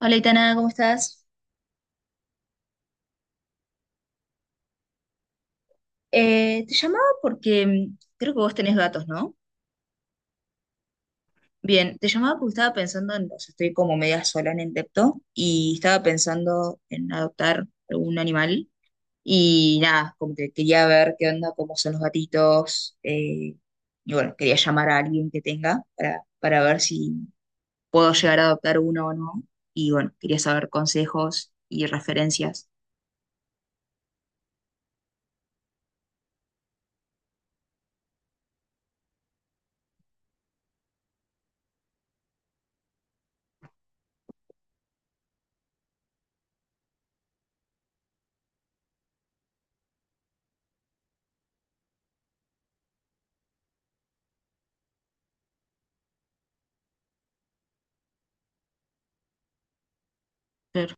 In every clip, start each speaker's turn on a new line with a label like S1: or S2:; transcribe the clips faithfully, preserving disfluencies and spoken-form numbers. S1: Hola, Itana, ¿cómo estás? Eh, te llamaba porque mm, creo que vos tenés gatos, ¿no? Bien, te llamaba porque estaba pensando en, o sea, estoy como media sola en el depto y estaba pensando en adoptar algún animal y nada, como que quería ver qué onda, cómo son los gatitos eh, y bueno, quería llamar a alguien que tenga para, para ver si puedo llegar a adoptar uno o no y bueno, quería saber consejos y referencias. Claro.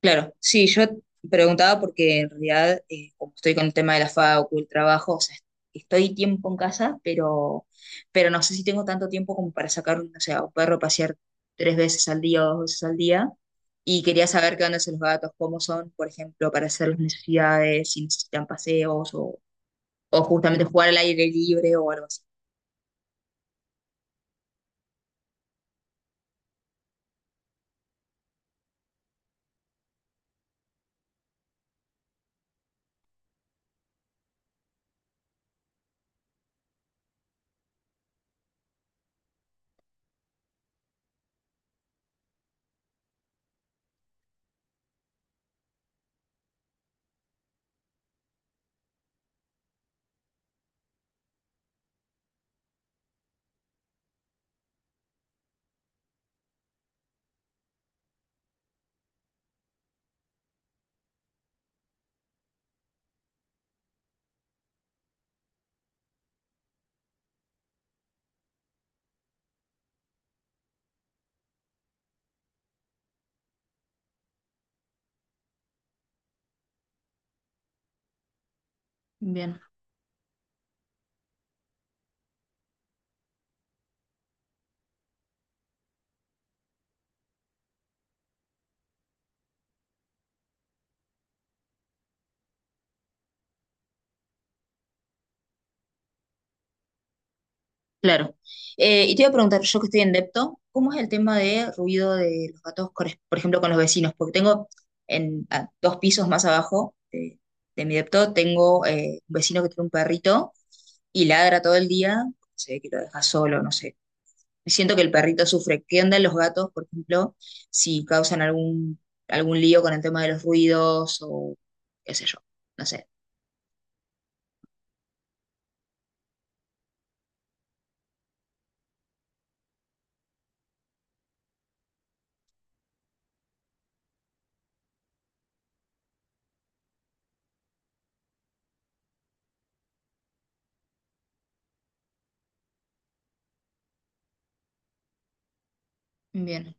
S1: Claro, sí, yo preguntaba porque en realidad, eh, como estoy con el tema de la facu, el trabajo, o sea, estoy tiempo en casa, pero, pero no sé si tengo tanto tiempo como para sacar, un- o sea, un perro a pasear tres veces al día o dos veces al día. Y quería saber qué onda son los gatos, cómo son, por ejemplo, para hacer las necesidades, si necesitan paseos o, o justamente jugar al aire libre o algo así. Bien. Claro. Eh, y te iba a preguntar, yo que estoy en depto, ¿cómo es el tema de ruido de los gatos, con- por ejemplo, con los vecinos? Porque tengo en a dos pisos más abajo de, de mi depto, tengo eh, un vecino que tiene un perrito y ladra todo el día, se ve que lo deja solo, no sé. Siento que el perrito sufre. ¿Qué onda los gatos, por ejemplo, si causan algún, algún lío con el tema de los ruidos o qué sé yo? No sé. Bien,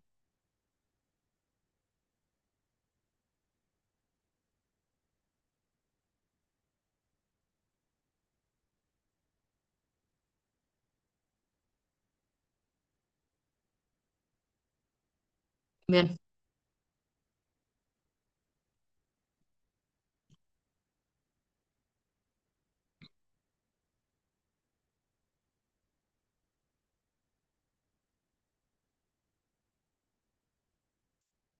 S1: bien.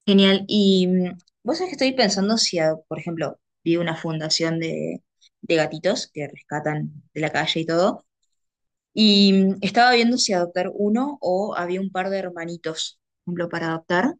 S1: Genial. Y mm, vos sabés que estoy pensando si, ah, por ejemplo, vi una fundación de, de gatitos que rescatan de la calle y todo, y mm, estaba viendo si adoptar uno o había un par de hermanitos, por ejemplo, para adoptar.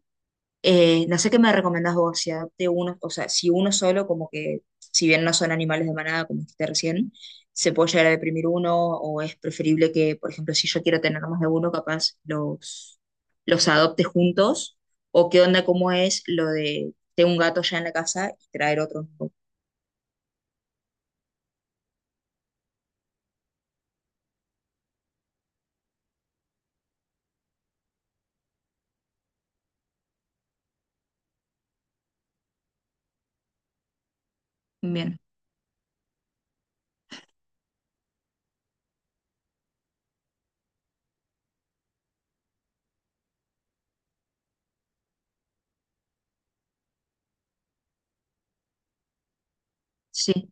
S1: Eh, no sé qué me recomendás vos, si adopte uno, o sea, si uno solo, como que, si bien no son animales de manada, como dijiste recién, se puede llegar a deprimir uno, o es preferible que, por ejemplo, si yo quiero tener más de uno, capaz los, los adopte juntos, o qué onda, cómo es lo de tengo un gato ya en la casa y traer otro. Bien, sí,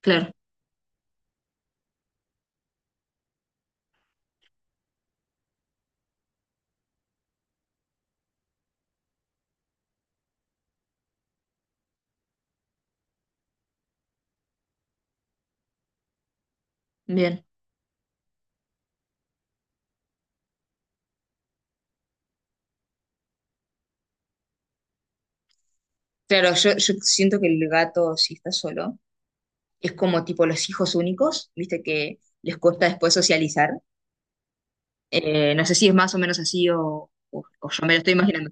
S1: claro, bien. Claro, yo, yo siento que el gato, si está solo, es como tipo los hijos únicos, viste que les cuesta después socializar. Eh, no sé si es más o menos así o, o- o yo me lo estoy imaginando.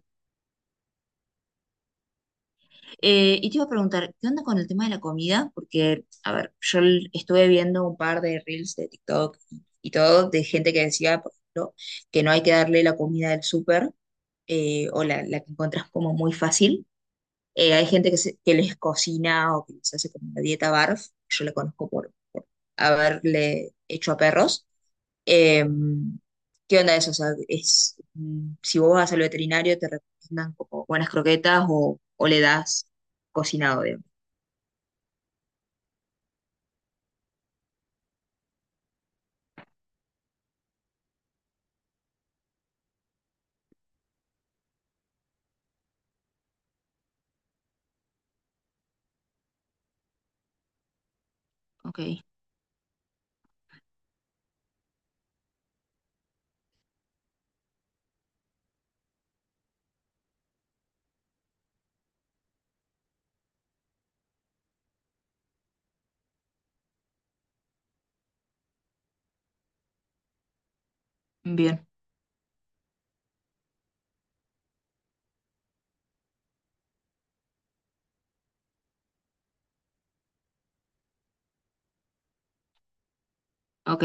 S1: Eh, y te iba a preguntar, ¿qué onda con el tema de la comida? Porque, a ver, yo l- estuve viendo un par de reels de TikTok y, y todo de gente que decía, por ejemplo, que no hay que darle la comida del súper eh, o la, la que encontrás como muy fácil. Eh, hay gente que, se- que les cocina o que les hace como una dieta barf. Yo la conozco por haberle hecho a perros. Eh, ¿Qué onda eso? O sea, es, mm, si vos vas al veterinario, te recomiendan como buenas croquetas o, o le das cocinado, digamos. Ok, bien, ok,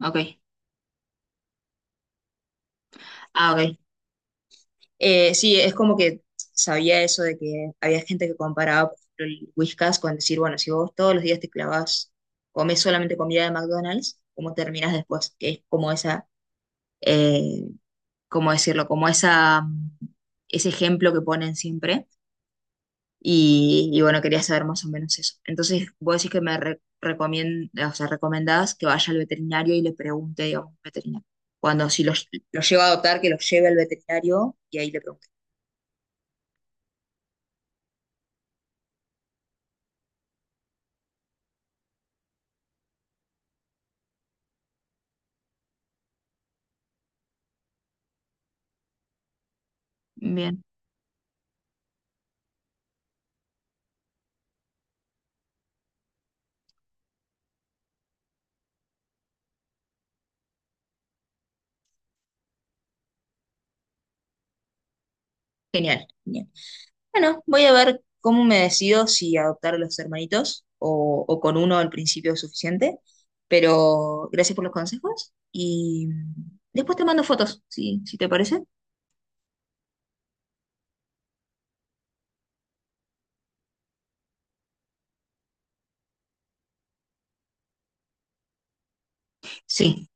S1: ok. Ah, ok. Eh, sí, es como que sabía eso de que había gente que comparaba, por ejemplo, el Whiskas con decir, bueno, si vos todos los días te clavas, comes solamente comida de McDonald's, ¿cómo terminas después? Que es como esa, eh, ¿cómo decirlo? Como esa, mm, ese ejemplo que ponen siempre. Y, y bueno, quería saber más o menos eso. Entonces, vos decís que me re- recomien- o sea, recomendás que vaya al veterinario y le pregunte, digamos, al veterinario. Cuando si lo, lo lleva a adoptar, que lo lleve al veterinario y ahí le pregunte. Bien, genial, genial. Bueno, voy a ver cómo me decido si adoptar a los hermanitos o, o con uno al principio es suficiente. Pero gracias por los consejos y después te mando fotos, si, si te parece. Sí,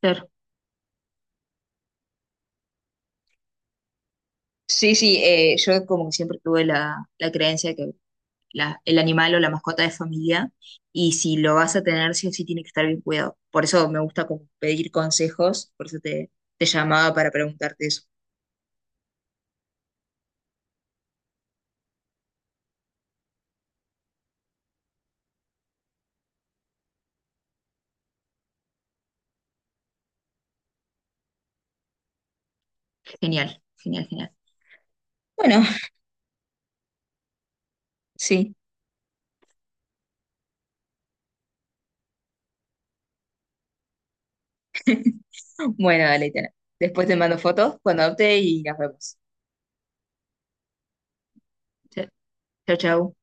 S1: claro. Sí, sí, eh, yo como que siempre tuve la, la creencia que la- el animal o la mascota es familia y si lo vas a tener, sí o sí tiene que estar bien cuidado. Por eso me gusta como pedir consejos, por eso te, te llamaba para preguntarte eso. Genial, genial, genial. Bueno, sí. Bueno, dale, Itana. Después te mando fotos cuando adopte y las vemos. Chao, chao.